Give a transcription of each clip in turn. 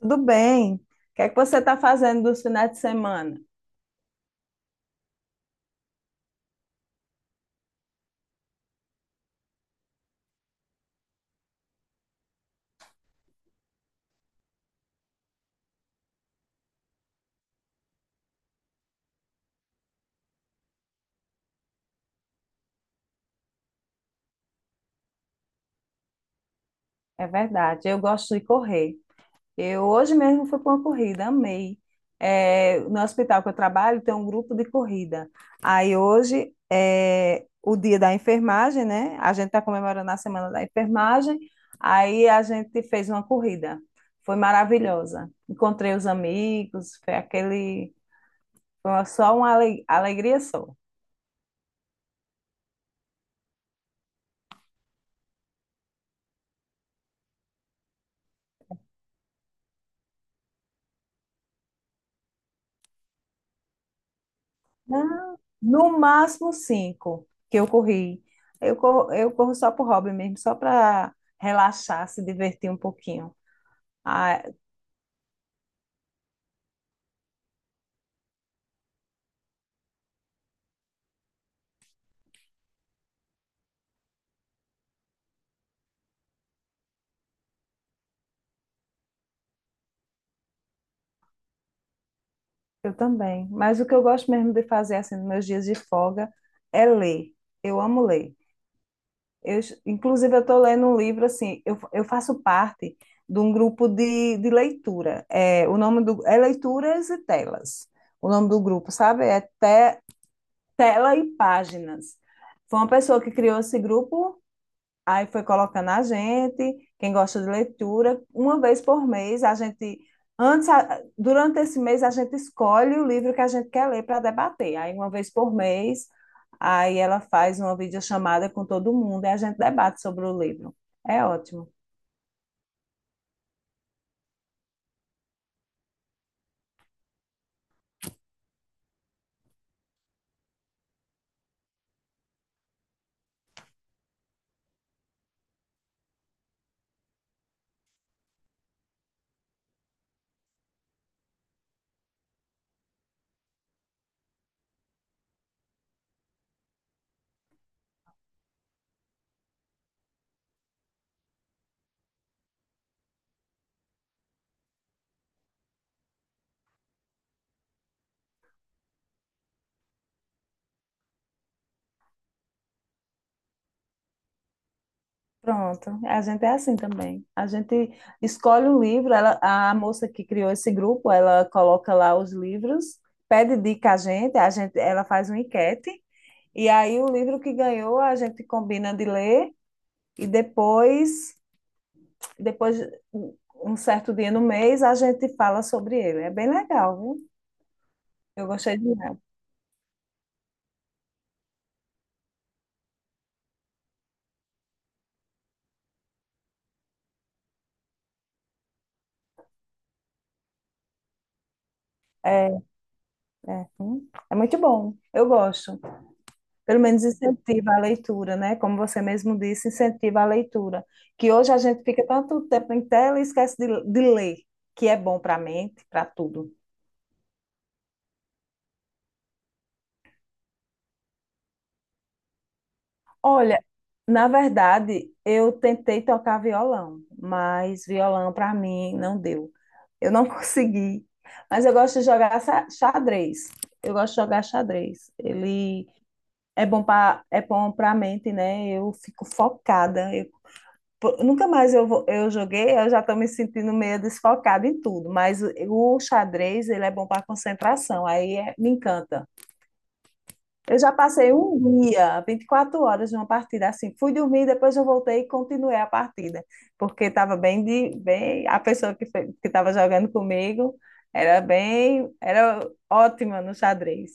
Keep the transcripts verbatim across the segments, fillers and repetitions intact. Tudo bem. O que é que você está fazendo dos finais de semana? É verdade, eu gosto de correr. Eu hoje mesmo fui para uma corrida, amei. É, no hospital que eu trabalho tem um grupo de corrida. Aí hoje é o dia da enfermagem, né? A gente está comemorando a semana da enfermagem. Aí a gente fez uma corrida. Foi maravilhosa. Encontrei os amigos, foi aquele, foi só uma ale- alegria só. Não, no máximo cinco que eu corri. Eu corro, eu corro só por hobby mesmo, só para relaxar, se divertir um pouquinho. Ah, eu também. Mas o que eu gosto mesmo de fazer assim nos meus dias de folga é ler. Eu amo ler. Eu, inclusive, eu estou lendo um livro assim. Eu, eu faço parte de um grupo de, de leitura. É, o nome do é Leituras e Telas. O nome do grupo, sabe? É Te- Tela e Páginas. Foi uma pessoa que criou esse grupo. Aí foi colocando a gente, quem gosta de leitura, uma vez por mês, a gente antes, durante esse mês, a gente escolhe o livro que a gente quer ler para debater. Aí uma vez por mês, aí ela faz uma videochamada com todo mundo e a gente debate sobre o livro. É ótimo. Pronto, a gente é assim também. A gente escolhe um livro, ela, a moça que criou esse grupo, ela coloca lá os livros, pede dica a gente, a gente, ela faz uma enquete. E aí o livro que ganhou a gente combina de ler e depois, depois um um certo dia no mês a gente fala sobre ele. É bem legal, viu? Eu gostei de ler. É, é, hum, é muito bom. Eu gosto. Pelo menos incentiva a leitura, né? Como você mesmo disse, incentiva a leitura. Que hoje a gente fica tanto tempo em tela e esquece de, de ler, que é bom para a mente, para tudo. Olha, na verdade, eu tentei tocar violão, mas violão para mim não deu. Eu não consegui. Mas eu gosto de jogar sa- xadrez. Eu gosto de jogar xadrez. Ele é bom para, é bom para mente, né? Eu fico focada. Eu, pô, nunca mais eu, vou- eu joguei, eu já estou me sentindo meio desfocada em tudo, mas o, o xadrez, ele é bom para concentração. Aí é- me encanta. Eu já passei um dia, vinte e quatro horas numa partida assim. Fui dormir, depois eu voltei e continuei a partida, porque estava bem de bem, a pessoa que fe- que estava jogando comigo era bem, era ótima no xadrez.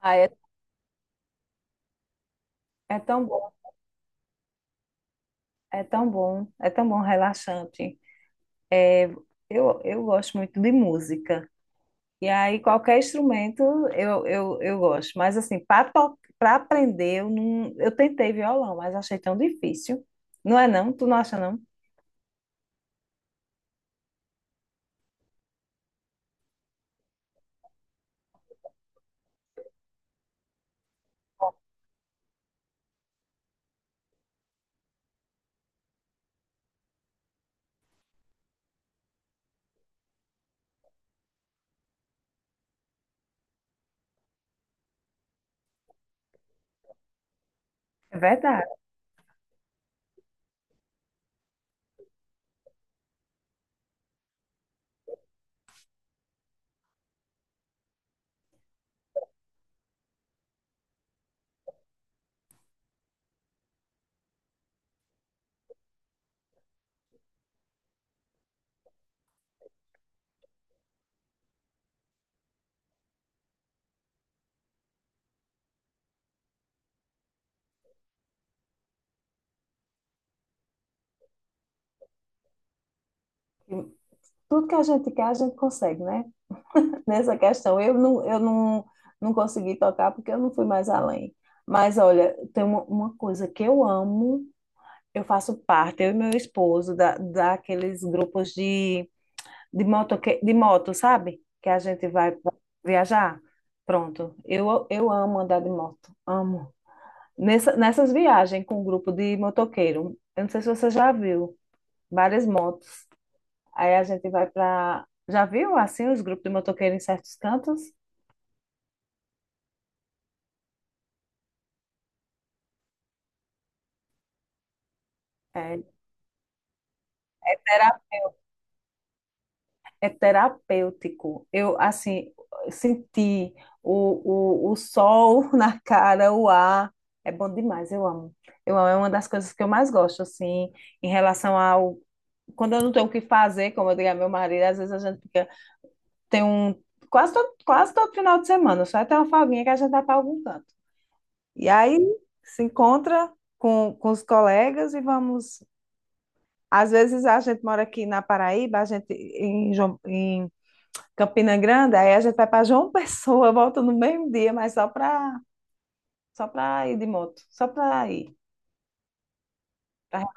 Ah, é, é tão bom, é tão bom, é tão bom, relaxante. É, eu, eu gosto muito de música. E aí, qualquer instrumento eu, eu, eu gosto. Mas, assim, para para aprender, eu, não, eu tentei violão, mas achei tão difícil. Não é não? Tu não acha não? É verdade. Tudo que a gente quer, a gente consegue, né? Nessa questão, eu não, eu não, não consegui tocar porque eu não fui mais além. Mas, olha, tem uma, uma coisa que eu amo, eu faço parte, eu e meu esposo, da, daqueles grupos de de moto, que- de moto, sabe? Que a gente vai viajar. Pronto. Eu, eu amo andar de moto, amo. Nessa, nessas viagens com um grupo de motoqueiro, eu não sei se você já viu, várias motos. Aí a gente vai para. Já viu assim os grupos de motoqueiro em certos cantos? É, é terapêutico. Eu, assim, senti o, o, o sol na cara, o ar. É bom demais, eu amo. Eu amo, é uma das coisas que eu mais gosto, assim, em relação ao. Quando eu não tenho o que fazer, como eu digo a meu marido, às vezes a gente fica. Tem um. Quase todo, quase todo final de semana, só tem uma folguinha que a gente vai para algum canto. E aí se encontra com, com os colegas e vamos. Às vezes a gente mora aqui na Paraíba, a gente em, João- em Campina Grande, aí a gente vai para João Pessoa, volta no mesmo dia, mas só para só para ir de moto, só para ir, pra-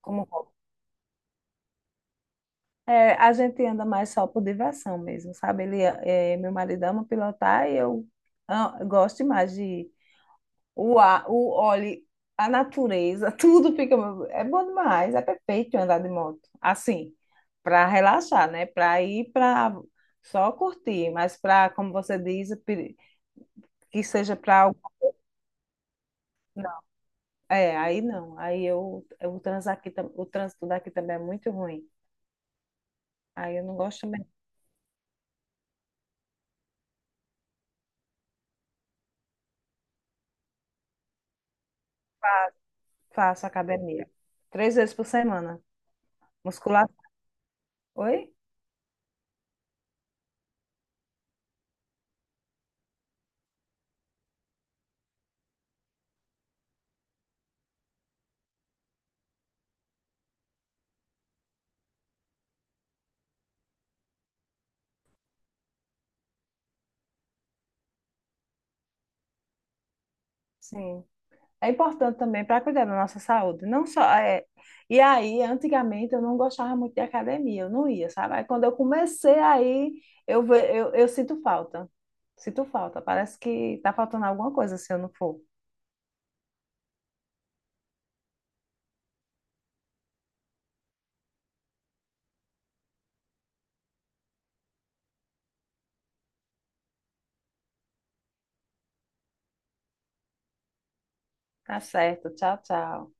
como hobby. É, a gente anda mais só por diversão mesmo, sabe? Ele, é, meu marido ama pilotar e eu, ah, gosto demais de o ar, o óleo, a natureza, tudo fica, é bom demais, é perfeito andar de moto. Assim, para relaxar, né? Para ir para Só curtir, mas para, como você diz, que seja para. É, aí não. Aí eu, eu- o trânsito aqui, tam- o trânsito daqui também é muito ruim. Aí eu não gosto também. Faço academia. Três vezes por semana. Musculação. Oi? Sim. É importante também para cuidar da nossa saúde. Não só é... E aí, antigamente, eu não gostava muito de academia. Eu não ia, sabe? Aí quando eu comecei aí, eu, ve- eu, eu sinto falta. Sinto falta. Parece que tá faltando alguma coisa se eu não for. Tá certo. Tchau, tchau.